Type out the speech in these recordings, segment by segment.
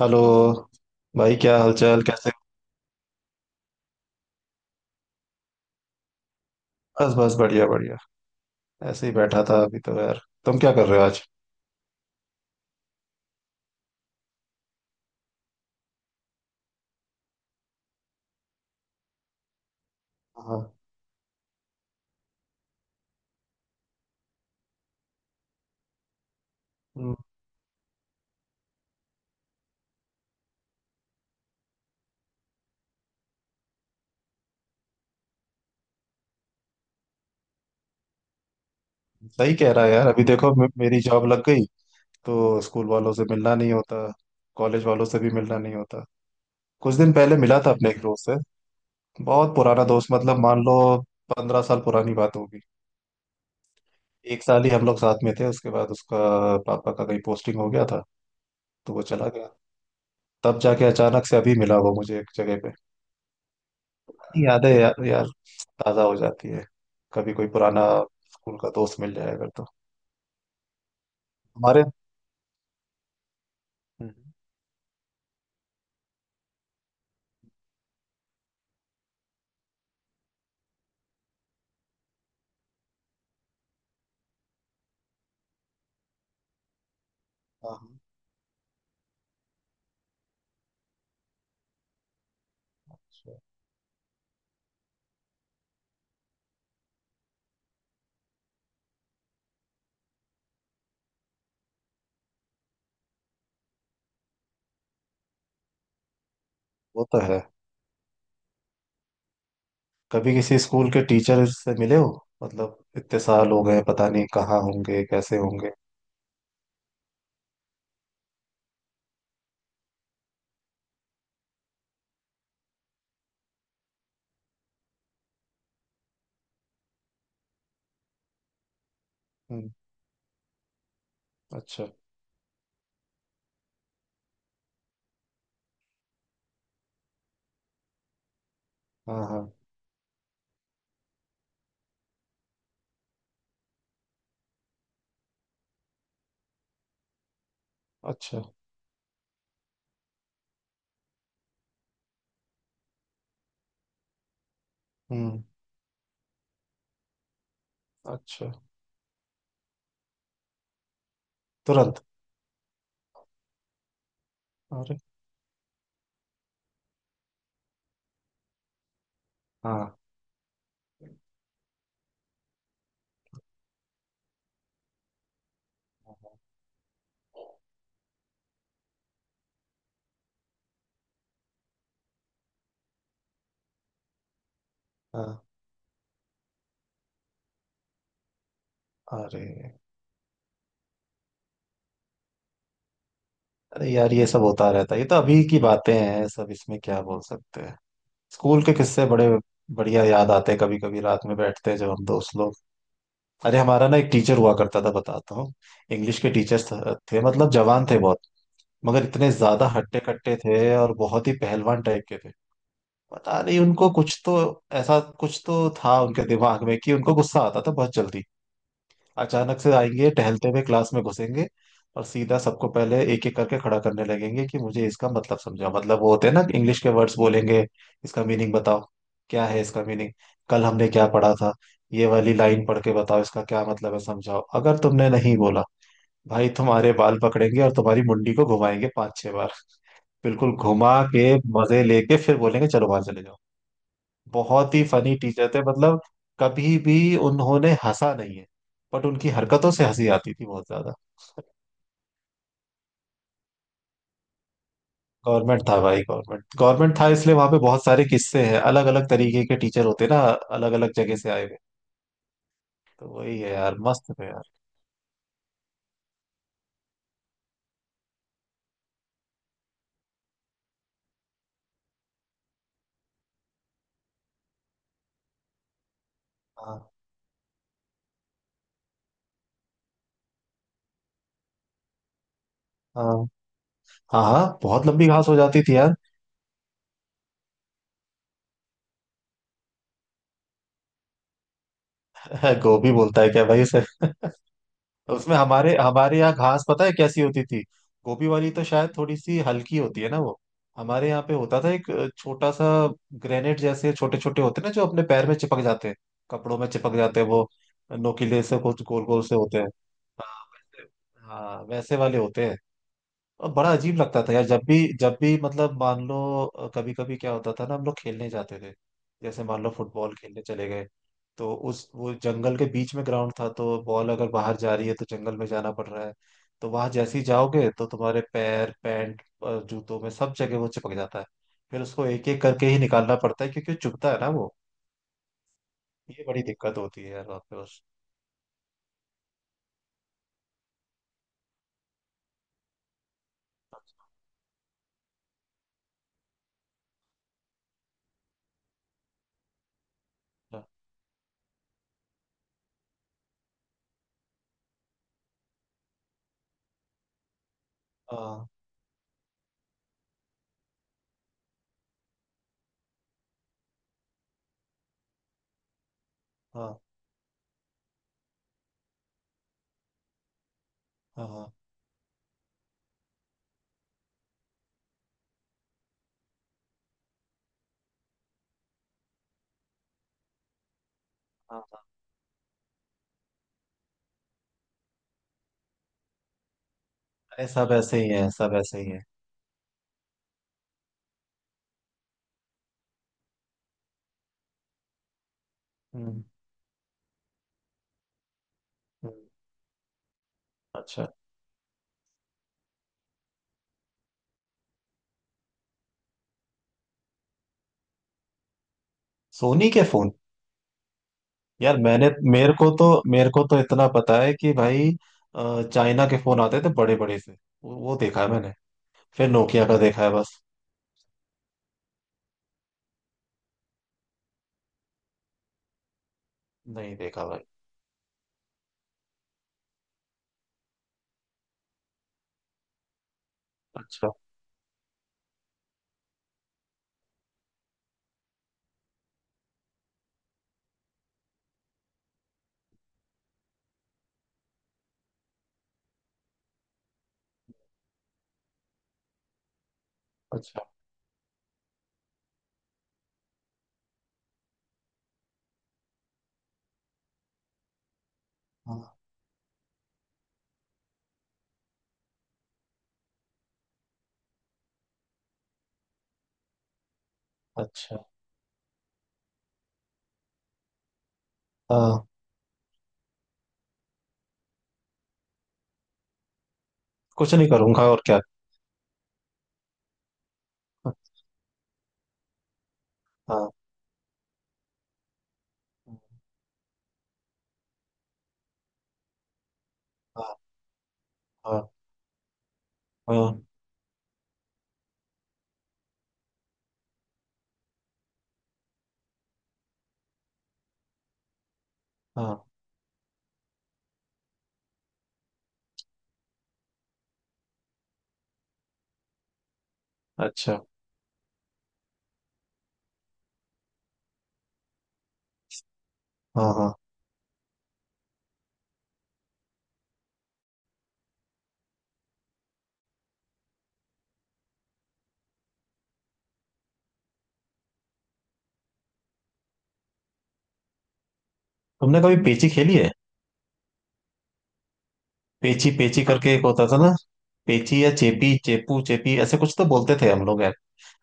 Hello भाई, क्या हालचाल, कैसे हो? बस बस बढ़िया बढ़िया। ऐसे ही बैठा था अभी तो, यार तुम क्या कर रहे हो आज? हाँ। हम्म। सही कह रहा है यार। अभी देखो, मेरी जॉब लग गई तो स्कूल वालों से मिलना नहीं होता। कॉलेज वालों से भी मिलना नहीं होता। कुछ दिन पहले मिला था अपने एक दोस्त से। बहुत पुराना दोस्त, मतलब मान लो 15 साल पुरानी बात होगी। एक साल ही हम लोग साथ में थे, उसके बाद उसका पापा का कहीं पोस्टिंग हो गया था तो वो चला गया। तब जाके अचानक से अभी मिला वो मुझे एक जगह पे। यादें यार, यार ताज़ा हो जाती है कभी, कोई पुराना स्कूल का दोस्त मिल जाए अगर तो। हमारे। हम्म। हाँ हाँ। Sure. वो तो है। कभी किसी स्कूल के टीचर से मिले हो? मतलब इतने साल हो गए, पता नहीं कहाँ होंगे, कैसे होंगे। हम्म। अच्छा। हाँ हाँ। अच्छा। हम्म। अच्छा। तुरंत। अरे हाँ। हाँ हाँ। अरे। अरे यार, ये सब होता रहता है, ये तो अभी की बातें हैं सब, इसमें क्या बोल सकते हैं। स्कूल के किस्से बड़े बढ़िया याद आते हैं, कभी कभी रात में बैठते हैं जब हम दोस्त लोग। अरे हमारा ना एक टीचर हुआ करता था, बताता हूँ। इंग्लिश के टीचर्स थे, मतलब जवान थे बहुत, मगर इतने ज्यादा हट्टे कट्टे थे और बहुत ही पहलवान टाइप के थे। पता नहीं उनको कुछ तो, ऐसा कुछ तो था उनके दिमाग में कि उनको गुस्सा आता था बहुत जल्दी। अचानक से आएंगे, टहलते हुए क्लास में घुसेंगे और सीधा सबको पहले एक एक करके खड़ा करने लगेंगे कि मुझे इसका मतलब समझाओ, मतलब वो होते हैं ना इंग्लिश के वर्ड्स बोलेंगे, इसका मीनिंग बताओ, क्या है इसका मीनिंग, कल हमने क्या पढ़ा था, ये वाली लाइन पढ़ के बताओ इसका क्या मतलब है, समझाओ। अगर तुमने नहीं बोला, भाई तुम्हारे बाल पकड़ेंगे और तुम्हारी मुंडी को घुमाएंगे 5 6 बार। बिल्कुल घुमा के, मजे लेके फिर बोलेंगे चलो बाहर चले जाओ। बहुत ही फनी टीचर थे मतलब, कभी भी उन्होंने हंसा नहीं है, बट उनकी हरकतों से हंसी आती थी बहुत ज्यादा। गवर्नमेंट था भाई, गवर्नमेंट गवर्नमेंट था, इसलिए वहां पे बहुत सारे किस्से हैं, अलग अलग तरीके के टीचर होते हैं ना, अलग अलग जगह से आए हुए। तो वही है यार, मस्त थे यार। हाँ हाँ हाँ। हाँ, बहुत लंबी घास हो जाती थी यार। गोभी बोलता है क्या भाई उसे? उसमें हमारे हमारे यहाँ घास पता है कैसी होती थी? गोभी वाली तो शायद थोड़ी सी हल्की होती है ना वो। हमारे यहाँ पे होता था एक छोटा सा ग्रेनेड जैसे छोटे छोटे होते हैं ना जो अपने पैर में चिपक जाते हैं, कपड़ों में चिपक जाते हैं वो। नोकीले से कुछ गोल गोल से होते हैं। हाँ वैसे, हाँ, वैसे वाले होते हैं। और बड़ा अजीब लगता था यार जब भी, जब भी मतलब मान लो कभी कभी क्या होता था ना, हम लोग खेलने जाते थे, जैसे मान लो फुटबॉल खेलने चले गए, तो उस वो जंगल के बीच में ग्राउंड था तो बॉल अगर बाहर जा रही है तो जंगल में जाना पड़ रहा है, तो वहां जैसे ही जाओगे तो तुम्हारे पैर, पैंट, जूतों में सब जगह वो चिपक जाता है। फिर उसको एक एक करके ही निकालना पड़ता है, क्योंकि वो चुभता है ना वो। ये बड़ी दिक्कत होती है यार वहाँ पे बस। हाँ हाँ हाँ हाँ। हाँ, हाँ, सब ऐसे ही है, सब ऐसे ही है। हम्म हम्म। अच्छा। सोनी के फोन? यार मैंने, मेरे को तो इतना पता है कि भाई चाइना के फोन आते थे बड़े बड़े से। वो देखा है मैंने। फिर नोकिया का देखा है बस। नहीं देखा भाई। अच्छा अच्छा। हाँ। अच्छा। हाँ। कुछ नहीं करूंगा और क्या। हाँ हाँ हाँ हाँ, हाँ। अच्छा। हाँ हाँ। तुमने कभी पेची खेली है? पेची पेची करके एक होता था ना। पेची या चेपी, चेपू चेपी, ऐसे कुछ तो बोलते थे हम लोग यार।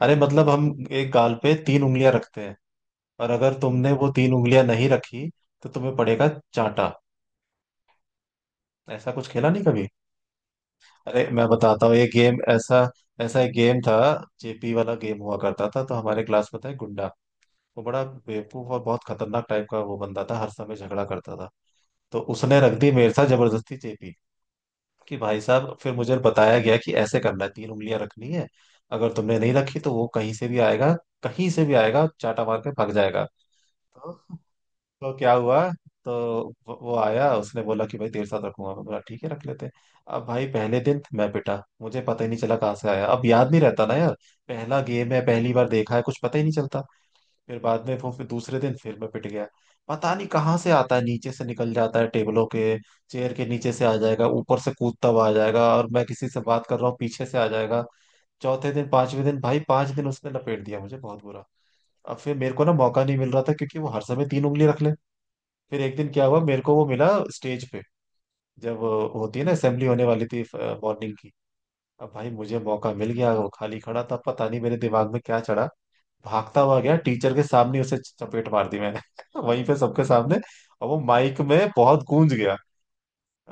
अरे मतलब हम एक गाल पे तीन उंगलियां रखते हैं, और अगर तुमने वो तीन उंगलियां नहीं रखी तो तुम्हें पड़ेगा चांटा। ऐसा कुछ खेला नहीं कभी। अरे मैं बताता हूँ, ये गेम ऐसा, ऐसा एक गेम था। जेपी वाला गेम हुआ करता था। तो हमारे क्लास में था एक गुंडा, वो बड़ा बेवकूफ और बहुत खतरनाक टाइप का वो बंदा था, हर समय झगड़ा करता था। तो उसने रख दी मेरे साथ जबरदस्ती जेपी, कि भाई साहब, फिर मुझे बताया गया कि ऐसे करना है, तीन उंगलियां रखनी है, अगर तुमने नहीं रखी तो वो कहीं से भी आएगा, कहीं से भी आएगा, चाटा मार के भाग जाएगा। तो तो क्या हुआ, तो वो आया, उसने बोला कि भाई तेरे साथ रखूंगा, मैं बोला ठीक है रख लेते हैं। अब भाई पहले दिन मैं पिटा, मुझे पता ही नहीं चला कहाँ से आया, अब याद नहीं रहता ना यार, पहला गेम है, पहली बार देखा है, कुछ पता ही नहीं चलता। फिर बाद में वो, फिर दूसरे दिन फिर मैं पिट गया। पता नहीं कहाँ से आता है, नीचे से निकल जाता है टेबलों के, चेयर के नीचे से आ जाएगा, ऊपर से कूदता हुआ आ जाएगा, और मैं किसी से बात कर रहा हूँ पीछे से आ जाएगा। चौथे दिन, पांचवें दिन, भाई 5 दिन उसने लपेट दिया मुझे बहुत बुरा। अब फिर मेरे को ना मौका नहीं मिल रहा था, क्योंकि वो हर समय तीन उंगली रख ले। फिर एक दिन क्या हुआ, मेरे को वो मिला स्टेज पे, जब होती है ना असेंबली, होने वाली थी मॉर्निंग की। अब भाई मुझे मौका मिल गया, वो खाली खड़ा था, पता नहीं मेरे दिमाग में क्या चढ़ा, भागता हुआ गया टीचर के सामने, उसे चपेट मार दी मैंने। वहीं पे सबके सामने, और वो माइक में बहुत गूंज गया।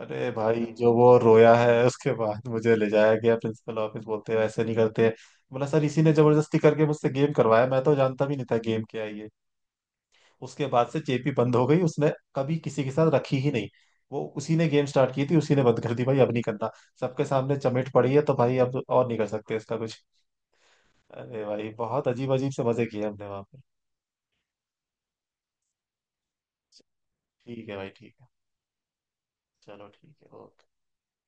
अरे भाई, जो वो रोया है, उसके बाद मुझे ले जाया गया प्रिंसिपल ऑफिस, बोलते हैं ऐसे नहीं करते। बोला सर, इसी ने जबरदस्ती करके मुझसे गेम करवाया, मैं तो जानता भी नहीं था गेम क्या है ये। उसके बाद से चेपी बंद हो गई उसने, कभी किसी के साथ रखी ही नहीं। वो उसी ने गेम स्टार्ट की थी, उसी ने बंद कर दी, भाई अब नहीं करना, सबके सामने चमेट पड़ी है तो भाई अब और नहीं कर सकते इसका कुछ। अरे भाई, बहुत अजीब अजीब से मजे किए हमने वहां पर। ठीक है भाई, ठीक है, चलो ठीक है, ओके।